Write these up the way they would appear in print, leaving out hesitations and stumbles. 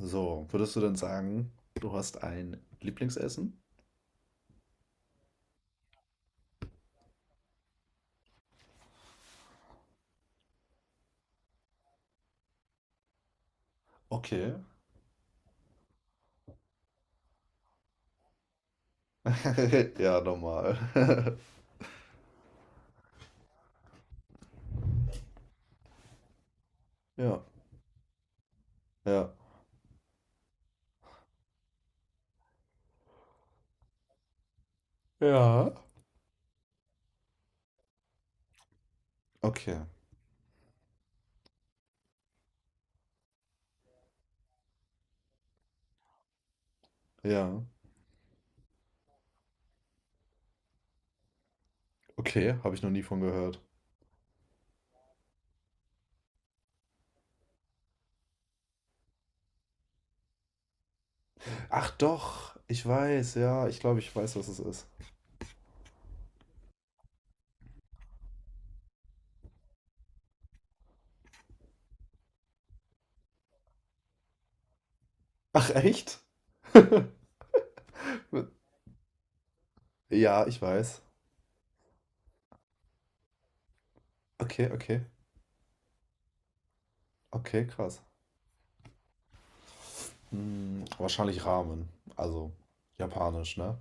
So, würdest du denn sagen, du hast ein Lieblingsessen? Okay. Ja, normal. Ja, ja. Ja. Okay. Ja. Okay, habe ich noch nie von gehört. Ach doch, ich weiß, ja, ich glaube, ich weiß, was es ist. Ach echt? Ja, ich weiß. Okay, okay. Okay, krass. Hm, wahrscheinlich Ramen. Also japanisch, ne?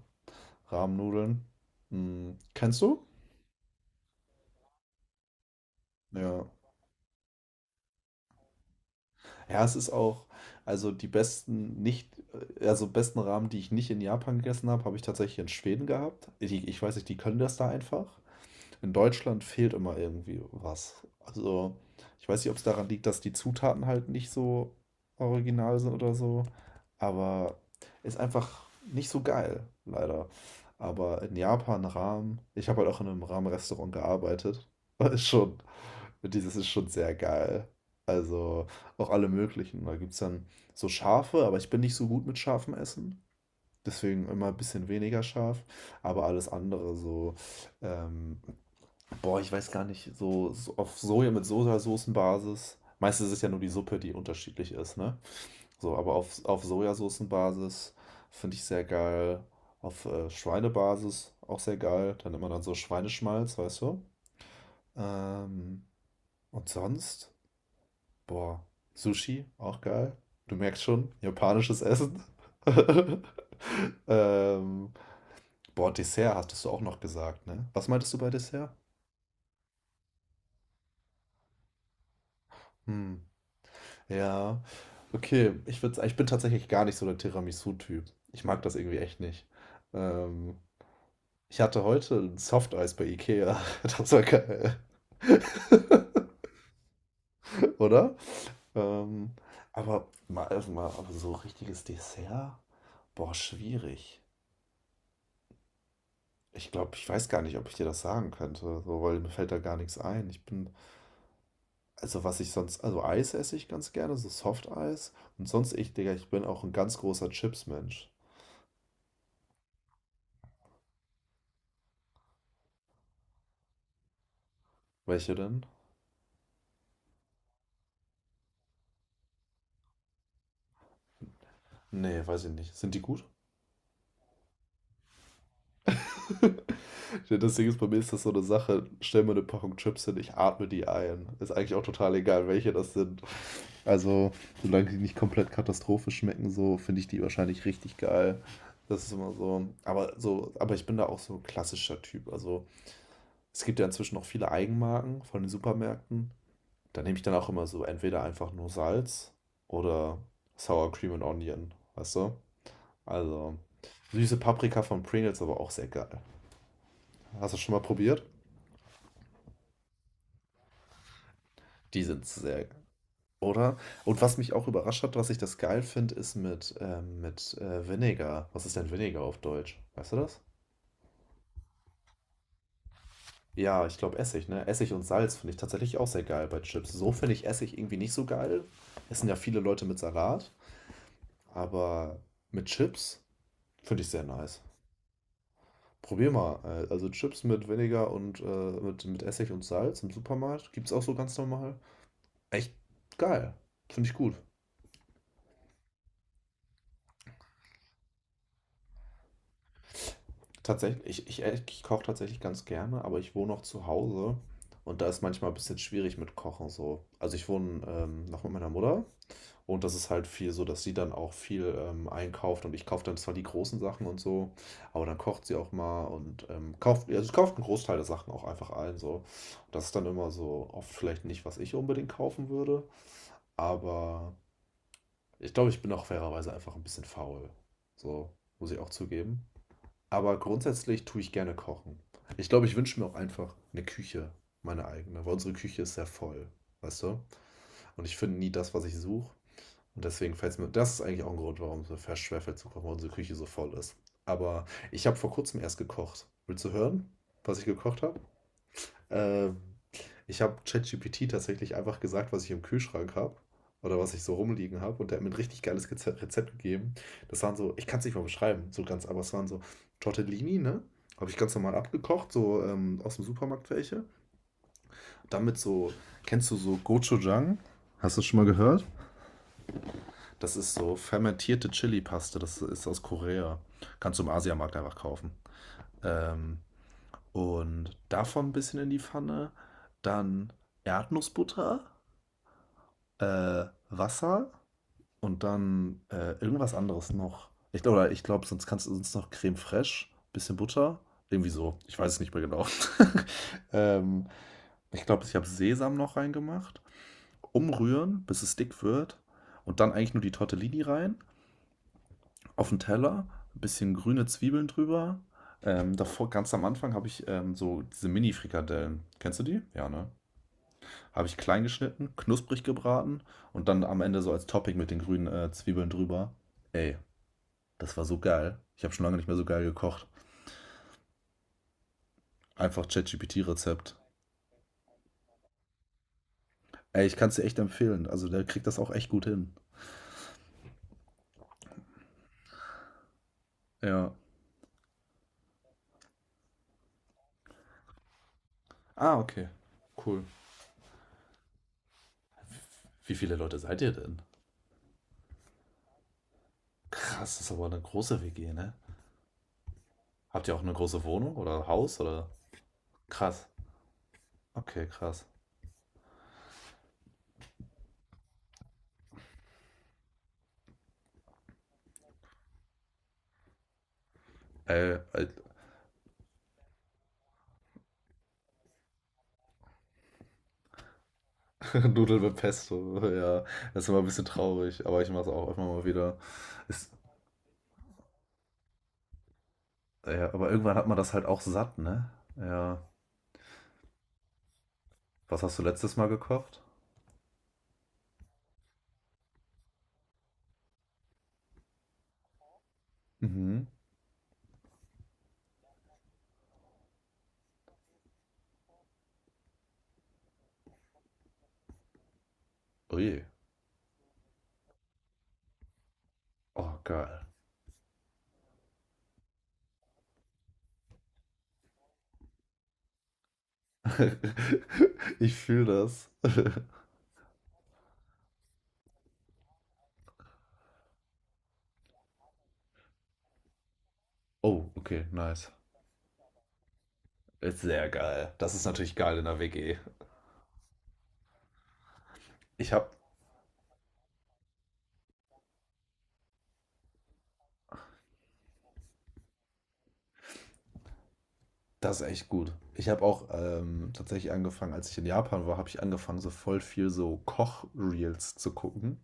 Ramennudeln. Hm, kennst du? Ja. Ja, es ist auch, also die besten nicht, also besten Ramen, die ich nicht in Japan gegessen habe, habe ich tatsächlich in Schweden gehabt. Ich weiß nicht, die können das da einfach in Deutschland fehlt immer irgendwie was. Also, ich weiß nicht, ob es daran liegt, dass die Zutaten halt nicht so original sind oder so, aber ist einfach nicht so geil, leider. Aber in Japan Ramen, ich habe halt auch in einem Ramen-Restaurant gearbeitet, ist schon, dieses ist schon sehr geil. Also auch alle möglichen. Da gibt es dann so scharfe, aber ich bin nicht so gut mit scharfem Essen. Deswegen immer ein bisschen weniger scharf. Aber alles andere, so ähm, boah, ich weiß gar nicht, so auf Soja mit Sojasoßenbasis. Meistens ist es ja nur die Suppe, die unterschiedlich ist, ne? So, aber auf Sojasoßenbasis finde ich sehr geil. Auf Schweinebasis auch sehr geil. Dann immer dann so Schweineschmalz, weißt du? Ähm, und sonst, boah, Sushi auch geil. Du merkst schon, japanisches Essen. Ähm, Boah, Dessert hattest du auch noch gesagt, ne? Was meintest du bei Dessert? Hm. Ja, okay. Ich würde, ich bin tatsächlich gar nicht so der Tiramisu-Typ. Ich mag das irgendwie echt nicht. Ähm, Ich hatte heute ein Softeis bei Ikea. Das war geil, oder? Ähm, aber mal, also mal aber so richtiges Dessert? Boah, schwierig. Ich glaube, ich weiß gar nicht, ob ich dir das sagen könnte, so, weil mir fällt da gar nichts ein. Ich bin, also was ich sonst, also Eis esse ich ganz gerne, so Softeis. Und sonst ich, Digga, ich bin auch ein ganz großer Chips-Mensch. Welche denn? Nee, weiß ich nicht. Sind die gut? Ja, das Ding ist, bei mir ist das so eine Sache, stell mir eine Packung Chips hin, ich atme die ein. Ist eigentlich auch total egal, welche das sind. Also, solange die nicht komplett katastrophisch schmecken, so finde ich die wahrscheinlich richtig geil. Das ist immer so. Aber so, aber ich bin da auch so ein klassischer Typ. Also, es gibt ja inzwischen auch viele Eigenmarken von den Supermärkten. Da nehme ich dann auch immer so entweder einfach nur Salz oder Sour Cream and Onion, weißt du? Also, süße Paprika von Pringles, aber auch sehr geil. Hast du das schon mal probiert? Die sind sehr. Oder? Und was mich auch überrascht hat, was ich das geil finde, ist mit Vinegar. Was ist denn Vinegar auf Deutsch? Weißt du das? Ja, ich glaube Essig, ne? Essig und Salz finde ich tatsächlich auch sehr geil bei Chips. So finde ich Essig irgendwie nicht so geil. Essen ja viele Leute mit Salat, aber mit Chips finde ich sehr nice. Probier mal. Also Chips mit Vinegar und mit Essig und Salz im Supermarkt. Gibt's auch so ganz normal. Echt geil. Finde ich gut. Tatsächlich, ich koche tatsächlich ganz gerne, aber ich wohne auch zu Hause und da ist manchmal ein bisschen schwierig mit Kochen so. Also ich wohne noch mit meiner Mutter und das ist halt viel so, dass sie dann auch viel einkauft und ich kaufe dann zwar die großen Sachen und so, aber dann kocht sie auch mal und also sie kauft einen Großteil der Sachen auch einfach ein so. Das ist dann immer so oft vielleicht nicht, was ich unbedingt kaufen würde, aber ich glaube, ich bin auch fairerweise einfach ein bisschen faul. So, muss ich auch zugeben. Aber grundsätzlich tue ich gerne kochen. Ich glaube, ich wünsche mir auch einfach eine Küche, meine eigene, weil unsere Küche ist sehr voll, weißt du? Und ich finde nie das, was ich suche. Und deswegen fällt's mir das ist eigentlich auch ein Grund, warum es mir fast schwerfällt zu kochen, weil unsere Küche so voll ist. Aber ich habe vor Kurzem erst gekocht. Willst du hören, was ich gekocht habe? Ähm, Ich habe ChatGPT tatsächlich einfach gesagt, was ich im Kühlschrank habe oder was ich so rumliegen habe und der hat mir ein richtig geiles Rezept gegeben. Das waren so, ich kann es nicht mal beschreiben, so ganz, aber es waren so Tortellini, ne? Habe ich ganz normal abgekocht, so aus dem Supermarkt welche. Damit so, kennst du so Gochujang? Hast du das schon mal gehört? Das ist so fermentierte Chili-Paste, das ist aus Korea. Kannst du im Asiamarkt einfach kaufen. Ähm, und davon ein bisschen in die Pfanne. Dann Erdnussbutter Wasser und dann irgendwas anderes noch. Ich glaube, sonst kannst du sonst noch Creme fraiche, bisschen Butter, irgendwie so. Ich weiß es nicht mehr genau. ähm, ich glaube, ich habe Sesam noch reingemacht. Umrühren, bis es dick wird. Und dann eigentlich nur die Tortellini rein, auf den Teller, ein bisschen grüne Zwiebeln drüber. Davor, ganz am Anfang, habe ich so diese Mini-Frikadellen. Kennst du die? Ja, ne? Habe ich klein geschnitten, knusprig gebraten und dann am Ende so als Topping mit den grünen Zwiebeln drüber. Ey, das war so geil. Ich habe schon lange nicht mehr so geil gekocht. Einfach ChatGPT-Rezept. Ey, ich kann es dir echt empfehlen. Also der kriegt das auch echt gut hin. Ja. Ah, okay. Cool. Wie viele Leute seid ihr denn? Krass, das ist aber eine große WG, ne? Habt ihr auch eine große Wohnung oder Haus oder? Krass. Okay, krass. Ey, Nudeln mit Pesto, ja. Das ist immer ein bisschen traurig, aber ich mache es auch immer mal wieder. Ist, Ja, aber irgendwann hat man das halt auch satt, ne? Ja. Was hast du letztes Mal gekocht? Mhm. Ui. Oh, geil. Ich fühle das. Oh, okay, nice. Ist sehr geil. Das ist natürlich geil in der WG. Ich habe das ist echt gut. Ich habe auch tatsächlich angefangen, als ich in Japan war, habe ich angefangen, so voll viel so Koch-Reels zu gucken.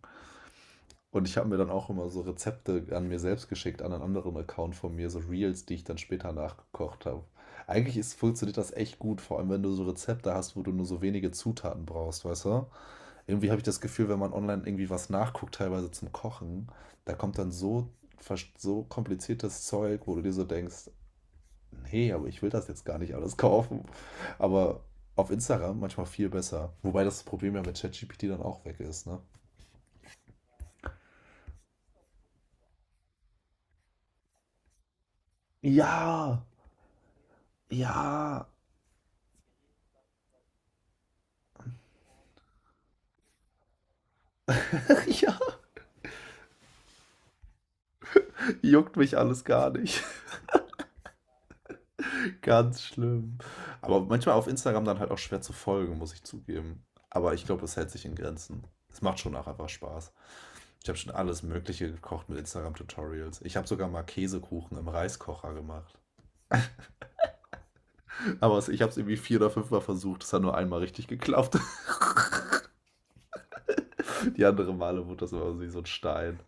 Und ich habe mir dann auch immer so Rezepte an mir selbst geschickt, an einen anderen Account von mir, so Reels, die ich dann später nachgekocht habe. Funktioniert das echt gut, vor allem wenn du so Rezepte hast, wo du nur so wenige Zutaten brauchst, weißt du? Irgendwie habe ich das Gefühl, wenn man online irgendwie was nachguckt, teilweise zum Kochen, da kommt dann so, so kompliziertes Zeug, wo du dir so denkst, nee, aber ich will das jetzt gar nicht alles kaufen. Aber auf Instagram manchmal viel besser. Wobei das Problem ja mit ChatGPT dann auch weg ist, ne? Ja, ja, Ja, juckt mich alles gar nicht. Ganz schlimm. Aber manchmal auf Instagram dann halt auch schwer zu folgen, muss ich zugeben. Aber ich glaube, es hält sich in Grenzen. Es macht schon auch einfach Spaß. Ich habe schon alles Mögliche gekocht mit Instagram-Tutorials. Ich habe sogar mal Käsekuchen im Reiskocher gemacht. Aber ich habe es irgendwie vier oder fünfmal versucht. Es hat nur einmal richtig geklappt. Die anderen Male wurde das immer so wie so ein Stein.